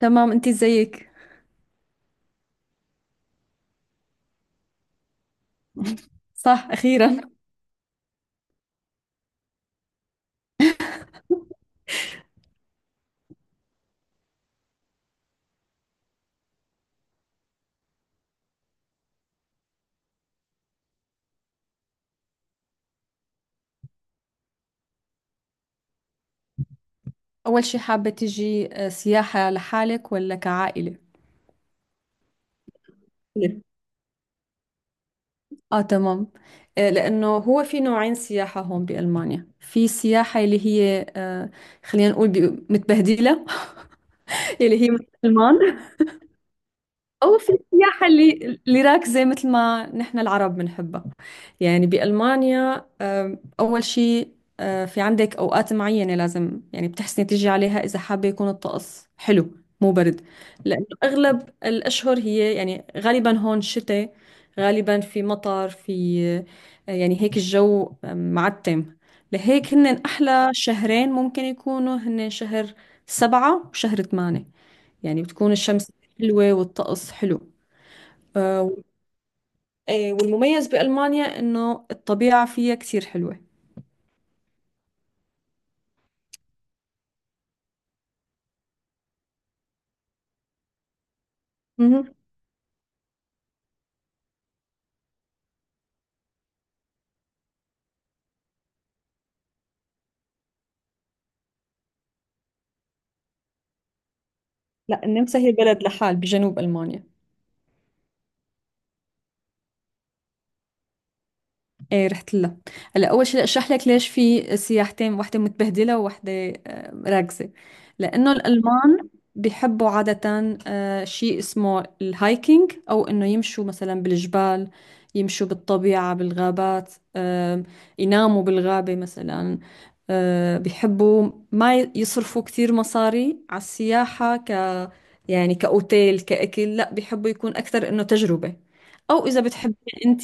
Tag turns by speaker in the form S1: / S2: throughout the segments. S1: تمام انت زيك. صح اخيرا. اول شي، حابة تجي سياحة لحالك ولا كعائلة؟ ليه؟ اه تمام. لانه هو في نوعين سياحة هون بالمانيا. في سياحة اللي هي خلينا نقول متبهدلة، اللي هي مسلمان، أو في السياحة اللي راكزة مثل ما نحن العرب بنحبها. يعني بألمانيا أول شيء، في عندك أوقات معينة لازم، يعني بتحسني تيجي عليها إذا حابة يكون الطقس حلو، مو برد. لأنه أغلب الأشهر هي يعني غالبا هون شتاء، غالبا في مطر، في يعني هيك الجو معتم. لهيك هن أحلى شهرين ممكن يكونوا هن شهر سبعة وشهر ثمانية. يعني بتكون الشمس حلوة والطقس حلو. آه، إيه، والمميز بألمانيا إنه الطبيعة فيها كتير حلوة. مهم. لا، النمسا هي بلد لحال بجنوب ألمانيا. ايه رحت لها. هلا اول شيء اشرح لك ليش في سياحتين، واحده متبهدله وواحده راكزه. لانه الالمان بيحبوا عاده شيء اسمه الهايكينج، او انه يمشوا مثلا بالجبال، يمشوا بالطبيعه بالغابات، يناموا بالغابه مثلا. بيحبوا ما يصرفوا كثير مصاري على السياحه، يعني كاوتيل كاكل، لا بيحبوا يكون اكثر انه تجربه. او اذا بتحبي انت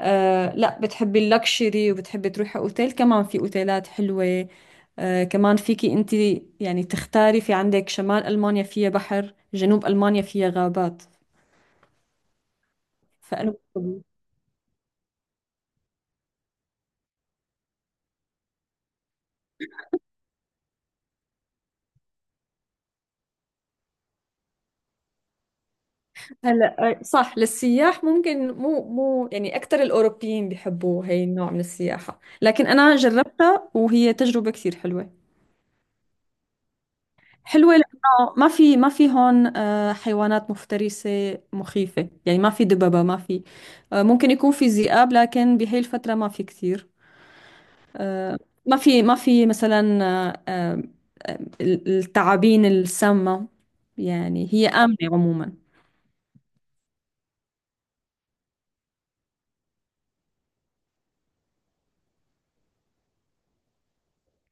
S1: آه، لا بتحبي اللكشري وبتحبي تروحي اوتيل، كمان في اوتيلات حلوة. آه كمان فيكي انت يعني تختاري. في عندك شمال المانيا فيها بحر، جنوب المانيا فيها غابات. فانا هلا صح. للسياح ممكن مو يعني، اكثر الاوروبيين بيحبوا هي النوع من السياحة، لكن انا جربتها وهي تجربة كثير حلوة. حلوة لأنه ما في هون حيوانات مفترسة مخيفة. يعني ما في دببة، ما في ممكن يكون في ذئاب لكن بهي الفترة ما في كثير. آه، ما في مثلا الثعابين السامة. يعني هي آمنة عموما.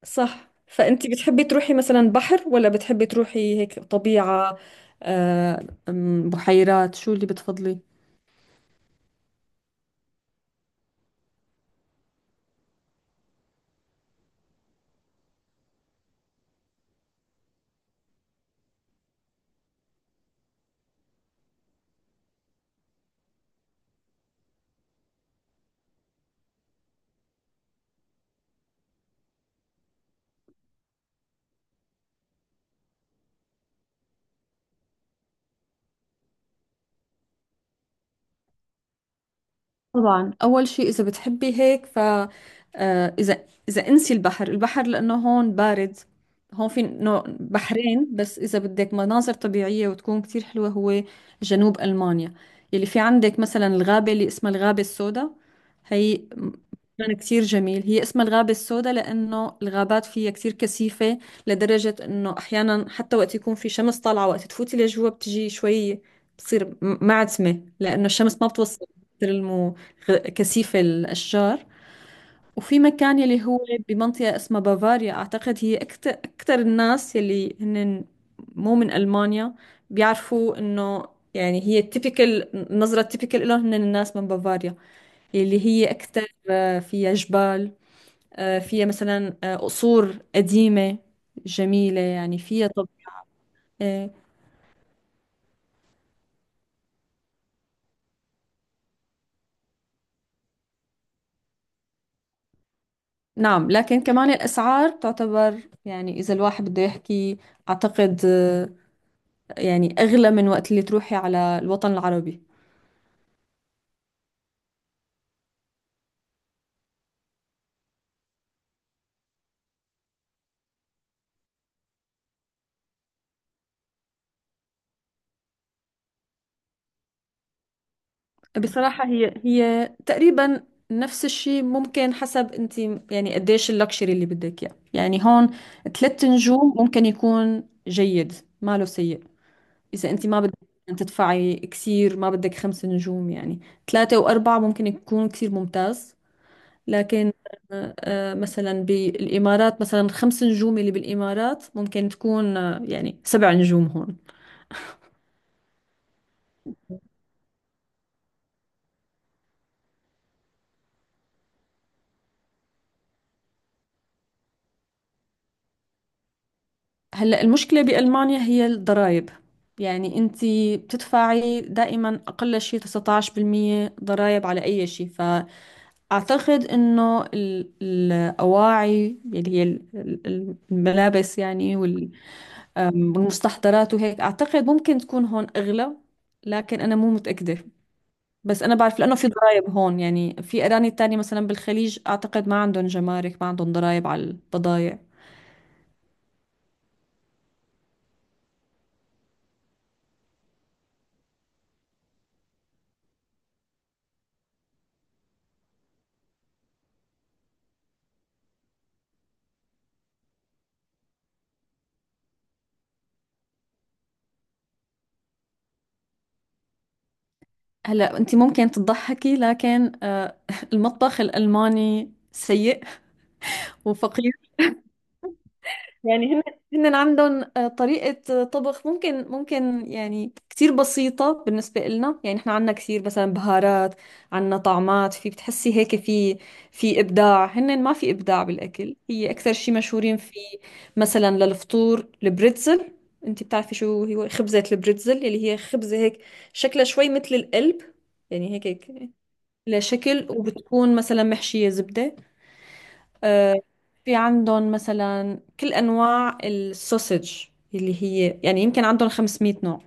S1: صح، فأنتي بتحبي تروحي مثلا بحر ولا بتحبي تروحي هيك طبيعة، آه، أم، بحيرات؟ شو اللي بتفضلي؟ طبعا أول شيء، إذا بتحبي هيك ف إذا انسي البحر. البحر لأنه هون بارد، هون في نوع بحرين بس. إذا بدك مناظر طبيعية وتكون كتير حلوة، هو جنوب ألمانيا. يلي في عندك مثلا الغابة اللي اسمها الغابة السوداء. هي مكان كتير جميل. هي اسمها الغابة السوداء لأنه الغابات فيها كتير كثيفة، لدرجة إنه أحيانا حتى وقت يكون في شمس طالعة، وقت تفوتي لجوا بتجي شوي بتصير معتمة لأنه الشمس ما بتوصل، مثل المو كثيف الأشجار. وفي مكان يلي هو بمنطقة اسمها بافاريا، أعتقد هي أكتر الناس يلي هن مو من ألمانيا بيعرفوا إنه، يعني هي التيبيكال، النظرة التيبيكال لهم هن الناس من بافاريا، يلي هي أكتر فيها جبال، فيها مثلا قصور قديمة جميلة. يعني فيها طب آه، نعم. لكن كمان الأسعار تعتبر، يعني إذا الواحد بده يحكي أعتقد يعني أغلى من وقت اللي تروحي على الوطن العربي. بصراحة هي هي تقريبا نفس الشيء، ممكن حسب انت يعني قديش اللكشري اللي بدك اياه. يعني هون ثلاث نجوم ممكن يكون جيد، ما له سيء. اذا انت ما بدك تدفعي كثير، ما بدك خمس نجوم، يعني ثلاثة وأربعة ممكن يكون كثير ممتاز. لكن مثلا بالإمارات، مثلا خمس نجوم اللي بالإمارات ممكن تكون يعني سبع نجوم هون. هلا المشكلة بألمانيا هي الضرائب. يعني انت بتدفعي دائما اقل شيء 19% ضرائب على اي شيء. فاعتقد انه الاواعي اللي هي الملابس يعني والمستحضرات وهيك، اعتقد ممكن تكون هون اغلى. لكن انا مو متأكدة. بس انا بعرف لانه في ضرائب هون. يعني في اراني تانية مثلا بالخليج، اعتقد ما عندهم جمارك، ما عندهم ضرائب على البضائع. هلا انت ممكن تضحكي لكن المطبخ الالماني سيء وفقير. يعني هن عندهم طريقة طبخ، ممكن يعني كتير بسيطة بالنسبة لنا. يعني احنا عندنا كثير مثلا بهارات، عندنا طعمات، في بتحسي هيك في إبداع. هن ما في إبداع بالأكل. هي أكثر شيء مشهورين فيه مثلا للفطور البريتزل. انت بتعرفي شو هو خبزة البريتزل، اللي هي خبزة هيك شكلها شوي مثل القلب، يعني هيك لشكل، وبتكون مثلا محشية زبدة. آه، في عندهم مثلا كل أنواع السوسج، اللي هي يعني يمكن عندهم 500 نوع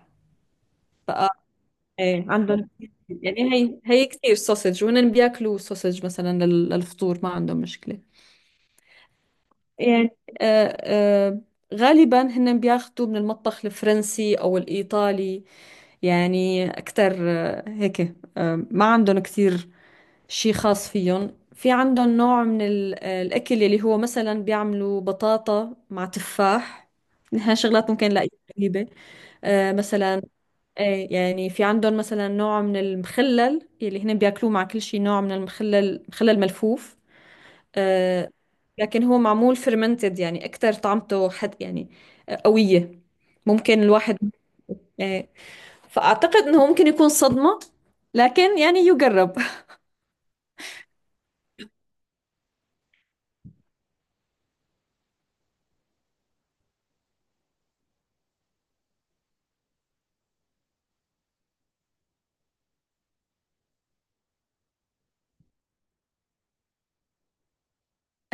S1: بقى. ايه عندهم. يعني هي هي كثير سوسج، وهن بياكلوا سوسج مثلا للفطور، ما عندهم مشكلة. يعني آه، آه، غالبا هن بياخذوا من المطبخ الفرنسي أو الإيطالي. يعني أكثر هيك، ما عندهم كثير شي خاص فيهم. في عندهم نوع من الأكل اللي هو مثلا بيعملوا بطاطا مع تفاح. نحن شغلات ممكن نلاقيها غريبة. آه مثلا إيه، يعني في عندهم مثلا نوع من المخلل اللي هن بياكلوه مع كل شي، نوع من المخلل، مخلل ملفوف. آه لكن هو معمول فرمنتد، يعني أكتر طعمته حد يعني قوية. ممكن الواحد إيه، فأعتقد إنه ممكن يكون صدمة، لكن يعني يجرب.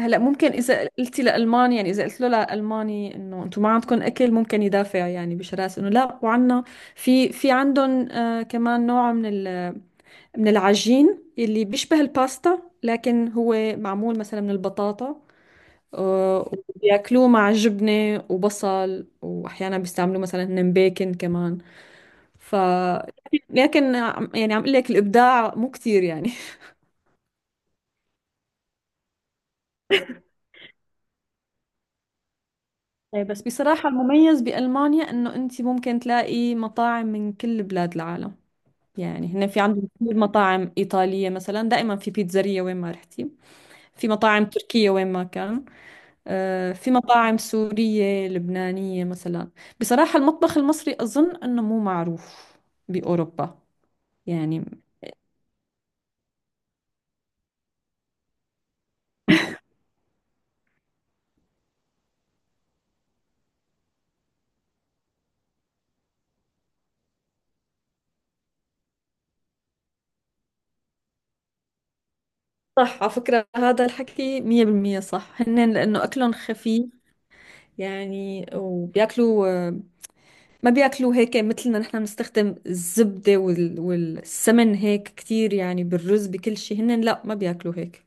S1: هلا ممكن اذا قلتي لالماني يعني اذا قلت له لالماني انه انتم ما عندكم اكل، ممكن يدافع يعني بشراسه انه لا وعنا. في عندهم آه كمان نوع من من العجين اللي بيشبه الباستا، لكن هو معمول مثلا من البطاطا. آه، وبياكلوه مع جبنه وبصل، واحيانا بيستعملوا مثلا هن بيكن كمان. ف لكن يعني عم اقول لك الابداع مو كتير يعني. إيه بس بصراحة المميز بألمانيا إنه أنت ممكن تلاقي مطاعم من كل بلاد العالم. يعني هنا في عندهم كثير مطاعم إيطالية، مثلا دائما في بيتزارية وين ما رحتي. في مطاعم تركية وين ما كان، في مطاعم سورية لبنانية مثلا. بصراحة المطبخ المصري أظن إنه مو معروف بأوروبا يعني. صح، على فكرة هذا الحكي 100% صح، هن لأنه أكلهم خفيف يعني. وبياكلوا ما بياكلوه هيك مثلنا، نحن بنستخدم الزبدة وال... والسمن هيك كتير يعني، بالرز بكل شيء، هن لا ما بياكلوا هيك.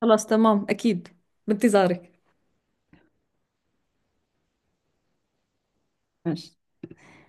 S1: خلاص تمام أكيد، بانتظارك. ماشي.